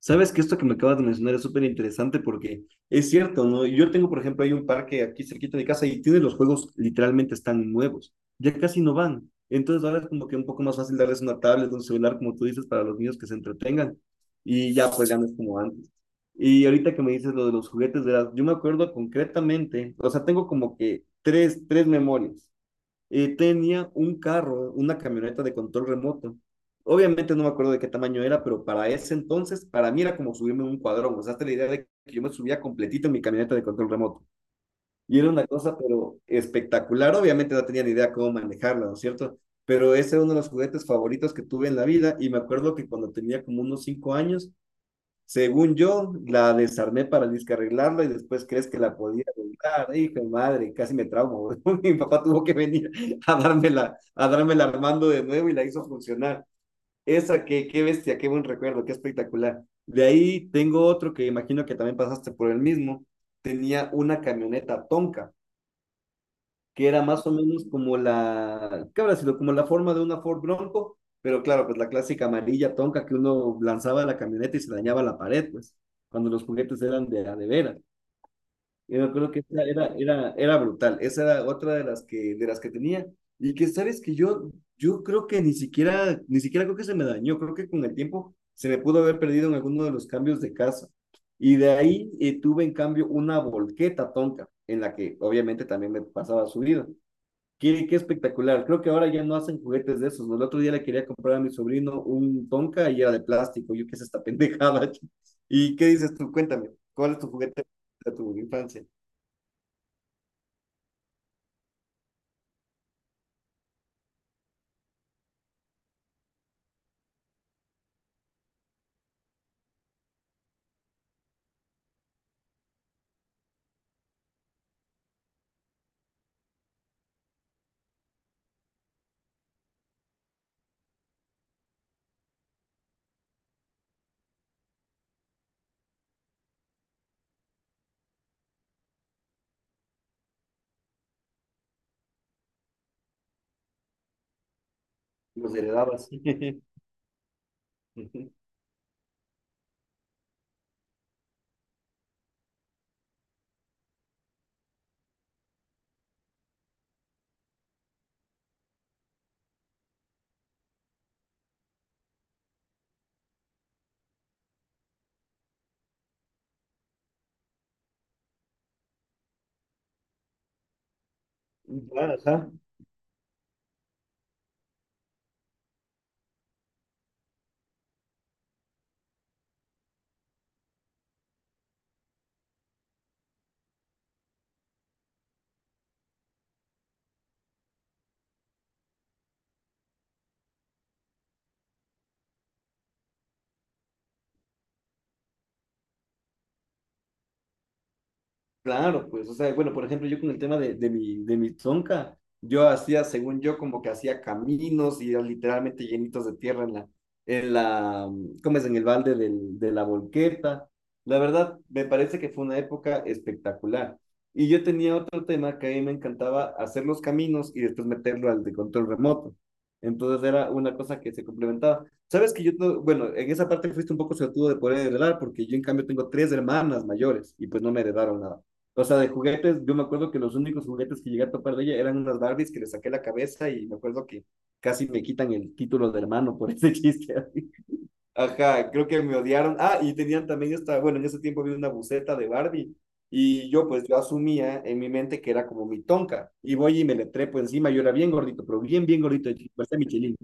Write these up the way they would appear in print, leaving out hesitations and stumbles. Sabes que esto que me acabas de mencionar es súper interesante porque es cierto, ¿no? Yo tengo, por ejemplo, hay un parque aquí cerquita de casa y tiene los juegos, literalmente están nuevos, ya casi no van. Entonces ahora es como que un poco más fácil darles una tablet, un celular, como tú dices, para los niños que se entretengan. Y ya, pues ya no es como antes. Y ahorita que me dices lo de los juguetes, verás, yo me acuerdo concretamente, o sea, tengo como que tres memorias. Tenía un carro, una camioneta de control remoto. Obviamente no me acuerdo de qué tamaño era, pero para ese entonces, para mí era como subirme a un cuadrón. O sea, hasta la idea de que yo me subía completito en mi camioneta de control remoto. Y era una cosa, pero espectacular. Obviamente no tenía ni idea cómo manejarla, ¿no es cierto? Pero ese era uno de los juguetes favoritos que tuve en la vida. Y me acuerdo que cuando tenía como unos 5 años, según yo, la desarmé para disque arreglarla y después crees que la podía arreglar. Hijo de madre, casi me traumo. Mi papá tuvo que venir a dármela armando de nuevo y la hizo funcionar. Esa, qué bestia, qué buen recuerdo, qué espectacular. De ahí tengo otro que imagino que también pasaste por el mismo. Tenía una camioneta Tonka que era más o menos como la, ¿qué habrá sido? Como la forma de una Ford Bronco, pero claro, pues la clásica amarilla tonca que uno lanzaba a la camioneta y se dañaba la pared, pues, cuando los juguetes eran de, a de veras. Y me acuerdo que esa era brutal, esa era otra de las que tenía. Y que sabes que yo creo que ni siquiera creo que se me dañó, creo que con el tiempo se me pudo haber perdido en alguno de los cambios de casa. Y de ahí tuve en cambio una volqueta tonca, en la que obviamente también me pasaba subida. Qué, qué espectacular. Creo que ahora ya no hacen juguetes de esos, ¿no? El otro día le quería comprar a mi sobrino un Tonka y era de plástico. Yo, qué es esta pendejada. ¿Y qué dices tú? Cuéntame, ¿cuál es tu juguete de tu infancia? ¿Los heredabas? Ah, ajá. Claro, pues, o sea, bueno, por ejemplo, yo con el tema de, de mi tonka yo hacía, según yo, como que hacía caminos y literalmente llenitos de tierra en la, ¿cómo es? En el balde de la volqueta. La verdad, me parece que fue una época espectacular. Y yo tenía otro tema que a mí me encantaba hacer los caminos y después meterlo al de control remoto. Entonces era una cosa que se complementaba. Sabes que yo, no- bueno, en esa parte fuiste un poco suertudo de poder heredar, porque yo en cambio tengo tres hermanas mayores y pues no me heredaron nada. O sea, de juguetes, yo me acuerdo que los únicos juguetes que llegué a topar de ella eran unas Barbies que le saqué la cabeza y me acuerdo que casi me quitan el título de hermano por ese chiste. Ajá, creo que me odiaron. Ah, y tenían también esta, bueno, en ese tiempo había una buceta de Barbie y yo, pues yo asumía en mi mente que era como mi tonka y voy y me le trepo encima. Yo era bien gordito, pero bien gordito, parecía Michelin.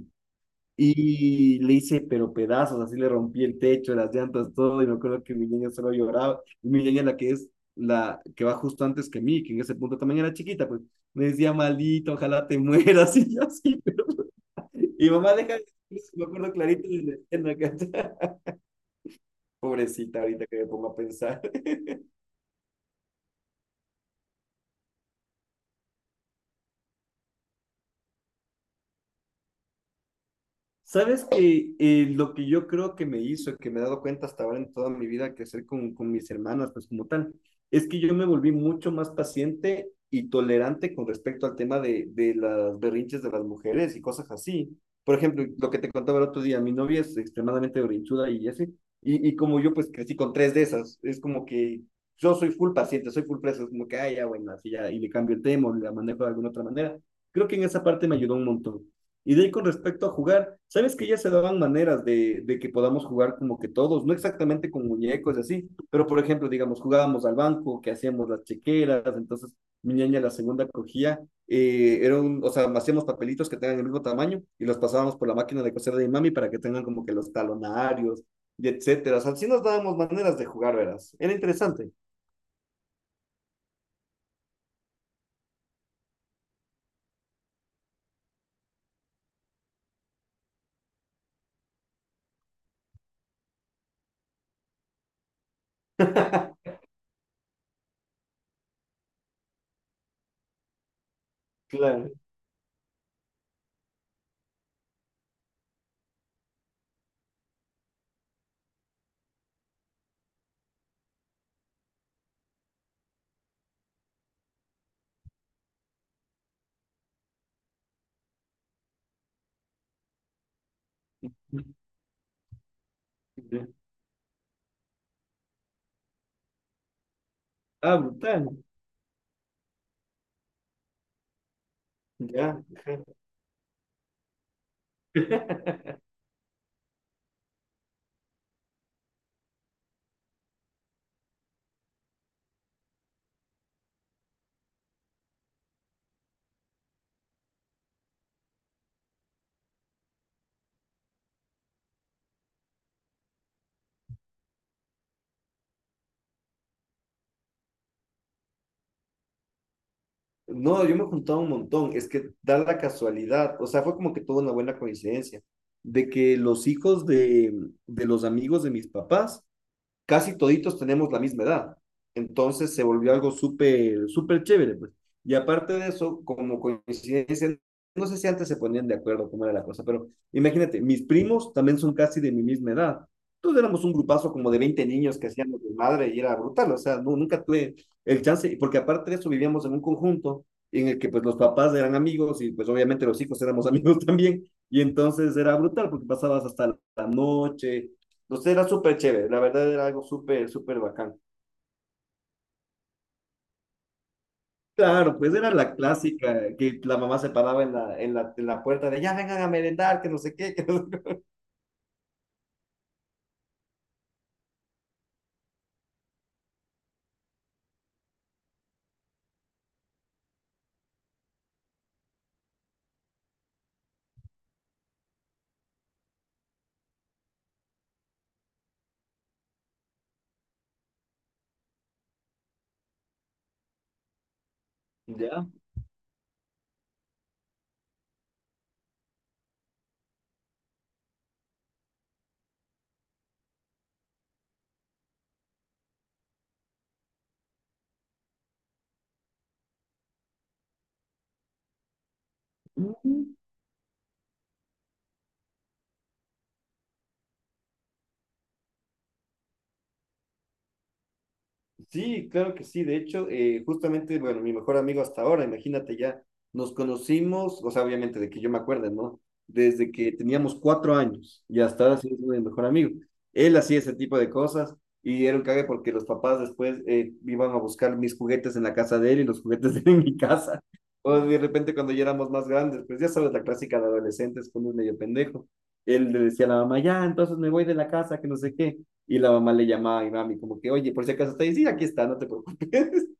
Y le hice, pero pedazos, así le rompí el techo, las llantas, todo. Y me acuerdo que mi niña solo lloraba. Y mi niña, la que es la que va justo antes que mí, que en ese punto también era chiquita, pues me decía, maldito, ojalá te mueras. Y yo así, pero. Y mamá, deja, me acuerdo clarito de la escena, ¿cachai? Pobrecita, ahorita que me pongo a pensar. Sabes que lo que yo creo que me hizo, que me he dado cuenta hasta ahora en toda mi vida, que hacer con mis hermanas, pues como tal, es que yo me volví mucho más paciente y tolerante con respecto al tema de las berrinches de las mujeres y cosas así. Por ejemplo, lo que te contaba el otro día, mi novia es extremadamente berrinchuda y así, y como yo, pues crecí con tres de esas, es como que yo soy full paciente, soy full preso, es como que, ah, ya, bueno, así ya, y le cambio el tema o la manejo de alguna otra manera. Creo que en esa parte me ayudó un montón. Y de ahí, con respecto a jugar, sabes que ya se daban maneras de que podamos jugar como que todos, no exactamente con muñecos y así, pero por ejemplo, digamos, jugábamos al banco, que hacíamos las chequeras. Entonces mi niña la segunda cogía, era un, o sea, hacíamos papelitos que tengan el mismo tamaño y los pasábamos por la máquina de coser de mi mami para que tengan como que los talonarios y etcétera. O sea, así nos dábamos maneras de jugar, verás. Era interesante. Claro. Ah, brutal. Ya. No, yo me juntaba un montón. Es que da la casualidad, o sea, fue como que tuvo una buena coincidencia de que los hijos de los amigos de mis papás, casi toditos tenemos la misma edad. Entonces se volvió algo súper, súper chévere. Pues. Y aparte de eso, como coincidencia, no sé si antes se ponían de acuerdo cómo era la cosa, pero imagínate, mis primos también son casi de mi misma edad. Todos éramos un grupazo como de 20 niños que hacíamos de madre y era brutal, o sea, no, nunca tuve el chance, porque aparte de eso vivíamos en un conjunto en el que pues los papás eran amigos y pues obviamente los hijos éramos amigos también, y entonces era brutal porque pasabas hasta la noche. Entonces era súper chévere, la verdad era algo súper, súper bacán. Claro, pues era la clásica, que la mamá se paraba en la puerta de ya vengan a merendar, que no sé qué, que no sé qué. Ya. Sí, claro que sí. De hecho, justamente, bueno, mi mejor amigo hasta ahora, imagínate, ya nos conocimos, o sea, obviamente de que yo me acuerde, ¿no? Desde que teníamos 4 años y hasta ahora sí es mi mejor amigo. Él hacía ese tipo de cosas y era un cague porque los papás después iban a buscar mis juguetes en la casa de él y los juguetes de él en mi casa. O de repente cuando ya éramos más grandes, pues ya sabes la clásica de adolescentes cuando es medio pendejo. Él le decía a la mamá, ya, entonces me voy de la casa, que no sé qué. Y la mamá le llamaba y mami, como que, oye, por si acaso está ahí, sí, aquí está, no te preocupes.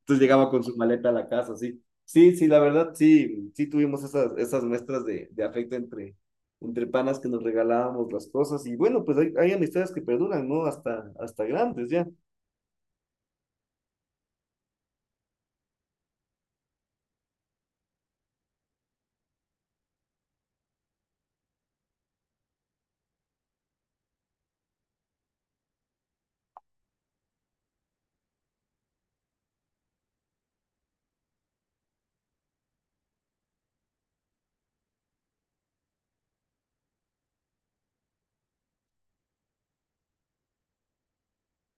Entonces llegaba con su maleta a la casa. Sí. Sí, sí, la verdad, sí, sí tuvimos esas, esas muestras de afecto entre, entre panas que nos regalábamos las cosas. Y bueno, pues hay amistades que perduran, ¿no? Hasta, hasta grandes ya.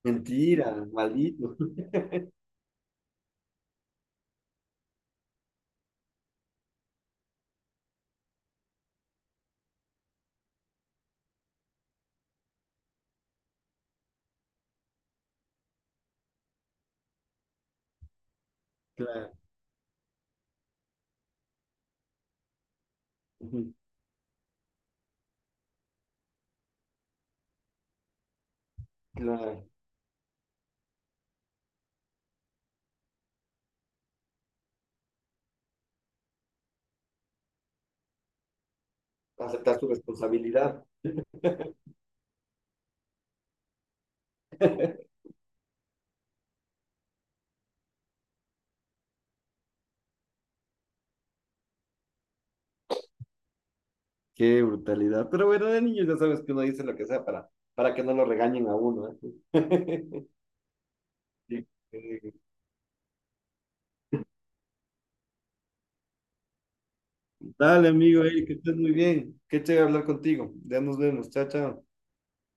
Mentira, maldito. Claro, ujú, claro. Aceptar su responsabilidad. Qué brutalidad. Pero bueno, de niños ya sabes que uno dice lo que sea para que no lo regañen a uno, ¿eh? Sí. Dale, amigo Eric, que estés muy bien. Qué chévere hablar contigo. Ya nos vemos. Chao, chao.